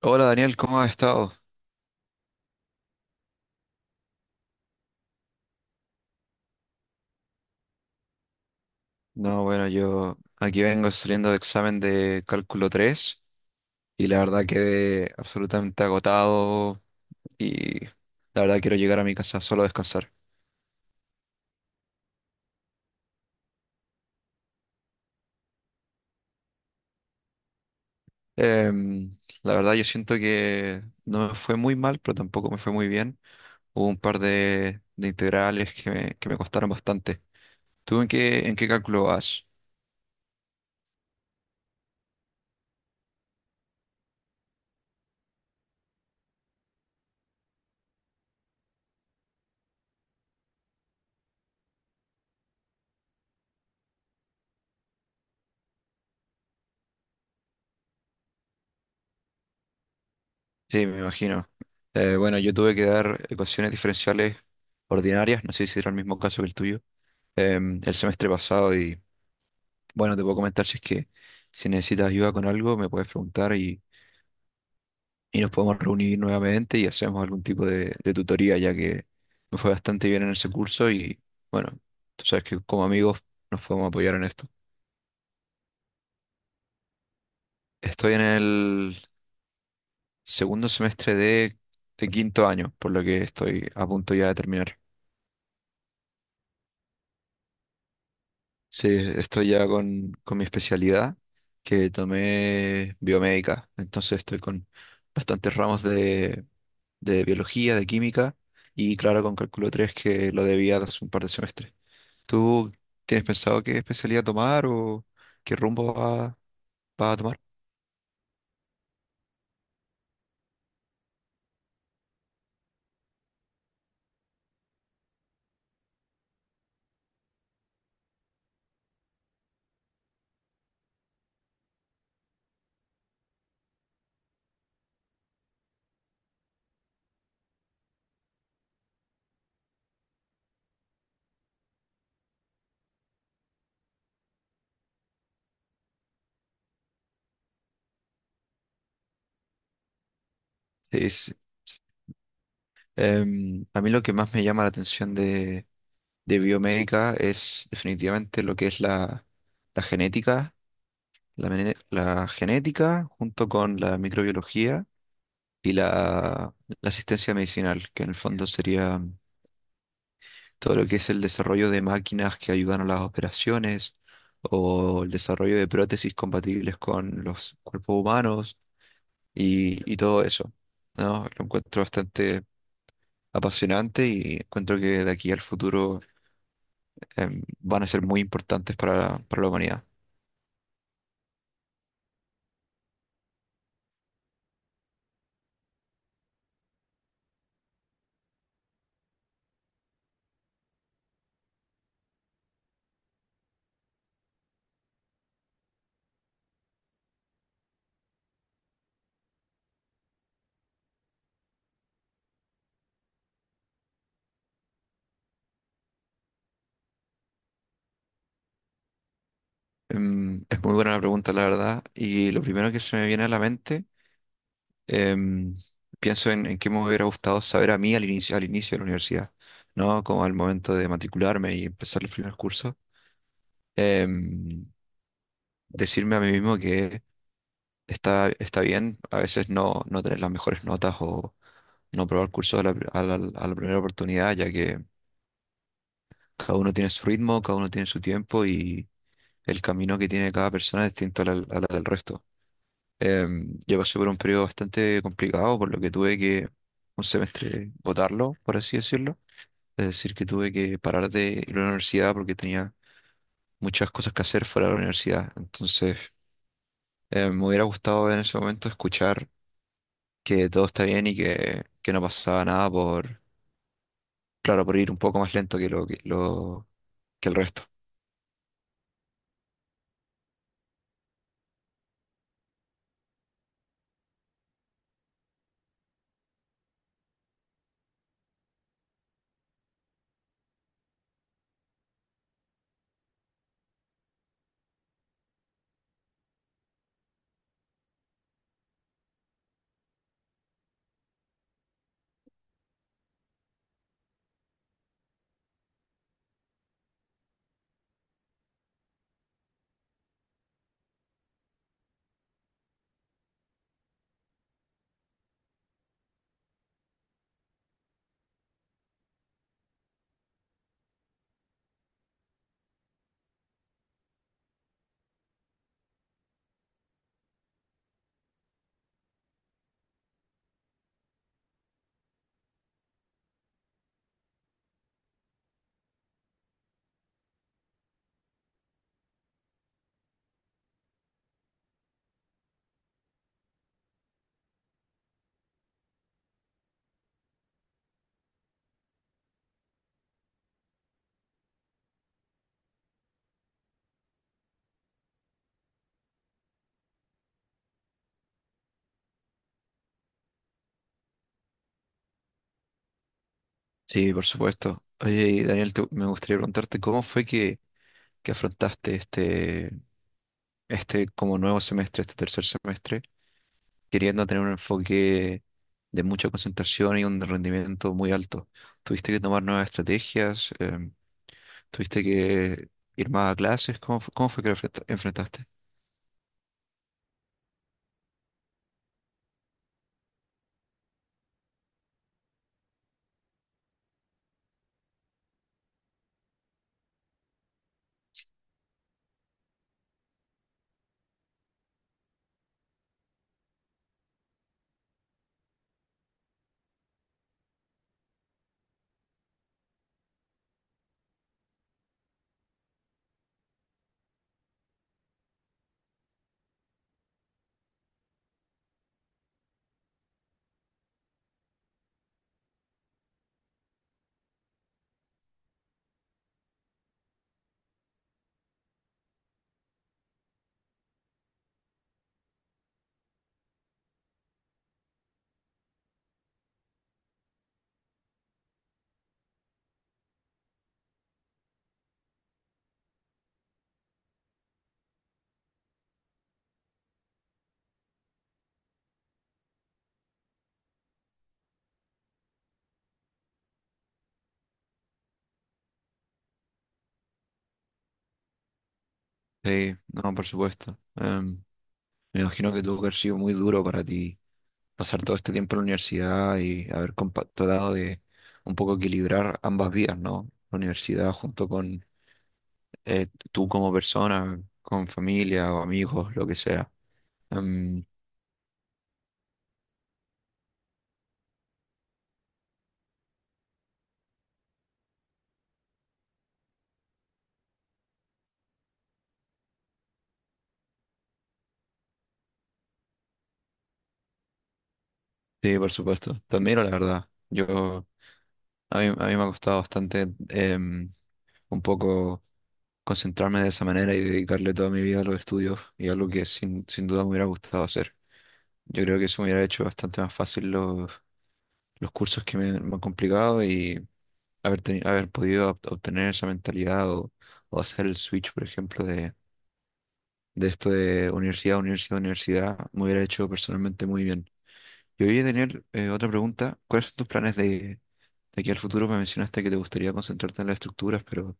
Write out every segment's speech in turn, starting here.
Hola Daniel, ¿cómo has estado? No, bueno, yo aquí vengo saliendo de examen de cálculo 3 y la verdad quedé absolutamente agotado y la verdad quiero llegar a mi casa solo a descansar. Em, la verdad yo siento que no me fue muy mal, pero tampoco me fue muy bien. Hubo un par de integrales que me costaron bastante. ¿Tú en qué cálculo vas? Sí, me imagino. Bueno, yo tuve que dar ecuaciones diferenciales ordinarias, no sé si era el mismo caso que el tuyo. El semestre pasado y bueno, te puedo comentar si es que si necesitas ayuda con algo, me puedes preguntar y nos podemos reunir nuevamente y hacemos algún tipo de tutoría, ya que me fue bastante bien en ese curso y bueno, tú sabes que como amigos nos podemos apoyar en esto. Estoy en el segundo semestre de quinto año, por lo que estoy a punto ya de terminar. Sí, estoy ya con mi especialidad que tomé biomédica. Entonces estoy con bastantes ramos de biología, de química y claro, con cálculo 3 que lo debía de hace un par de semestres. ¿Tú tienes pensado qué especialidad tomar o qué vas a tomar? Sí, sí. A mí lo que más me llama la atención de biomédica es definitivamente lo que es la genética. La genética junto con la microbiología y la asistencia medicinal, que en el fondo sería todo lo que es el desarrollo de máquinas que ayudan a las operaciones o el desarrollo de prótesis compatibles con los cuerpos humanos y todo eso, ¿no? Lo encuentro bastante apasionante y encuentro que de aquí al futuro van a ser muy importantes para la humanidad. Es muy buena la pregunta, la verdad, y lo primero que se me viene a la mente em, pienso en qué me hubiera gustado saber a mí al inicio de la universidad, ¿no? Como al momento de matricularme y empezar los primeros cursos. Em, Decirme a mí mismo que está bien a veces no tener las mejores notas o no probar cursos a la, pri- a la primera oportunidad, ya que cada uno tiene su ritmo, cada uno tiene su tiempo y el camino que tiene cada persona es distinto al del resto. Yo pasé por un periodo bastante complicado, por lo que tuve que un semestre botarlo, por así decirlo. Es decir, que tuve que parar de ir a la universidad porque tenía muchas cosas que hacer fuera de la universidad. Entonces, me hubiera gustado en ese momento escuchar que todo está bien y que no pasaba nada por, claro, por ir un poco más lento que lo que el resto. Sí, por supuesto. Oye, y Daniel, me gustaría preguntarte cómo fue que afrontaste este como nuevo semestre, este tercer semestre queriendo tener un enfoque de mucha concentración y un rendimiento muy alto. ¿Tuviste que tomar nuevas estrategias? ¿Tuviste que ir más a clases? ¿Cómo, cómo fue que lo enfrentaste? Sí, no, por supuesto. Me imagino que tuvo que haber sido muy duro para ti pasar todo este tiempo en la universidad y haber tratado de un poco equilibrar ambas vidas, ¿no? La universidad junto con eh, tú como persona, con familia o amigos, lo que sea. Em, Sí, por supuesto. Te admiro, la verdad. Yo, a mí me ha costado bastante un poco concentrarme de esa manera y dedicarle toda mi vida a los estudios y algo que sin duda me hubiera gustado hacer. Yo creo que eso me hubiera hecho bastante más fácil los cursos que me han complicado y haber podido obtener esa mentalidad o hacer el switch, por ejemplo, de esto de universidad, universidad, universidad, me hubiera hecho personalmente muy bien. Y voy Daniel, otra pregunta. ¿Cuáles son tus planes de? De aquí al futuro me mencionaste que te gustaría concentrarte en las estructuras, pero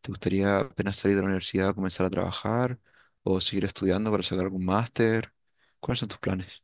¿te gustaría apenas salir de la universidad comenzar a trabajar o seguir estudiando para sacar algún máster? ¿Cuáles son tus planes?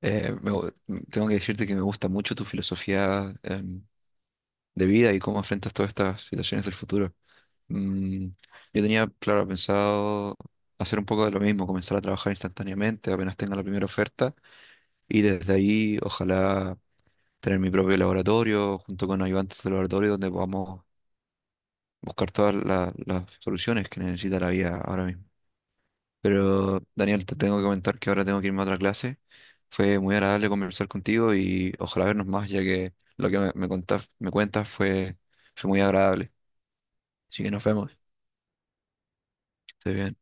Eh, me gu- Tengo que decirte que me gusta mucho tu filosofía, de vida y cómo enfrentas todas estas situaciones del futuro. Mm, yo tenía, claro, pensado hacer un poco de lo mismo, comenzar a trabajar instantáneamente apenas tenga la primera oferta y desde ahí ojalá tener mi propio laboratorio junto con ayudantes de laboratorio donde podamos buscar todas las soluciones que necesita la vida ahora mismo. Pero Daniel, te tengo que comentar que ahora tengo que irme a otra clase. Fue muy agradable conversar contigo y ojalá vernos más, ya que lo que me cuentas fue, fue muy agradable. Así que nos vemos. Que estés bien.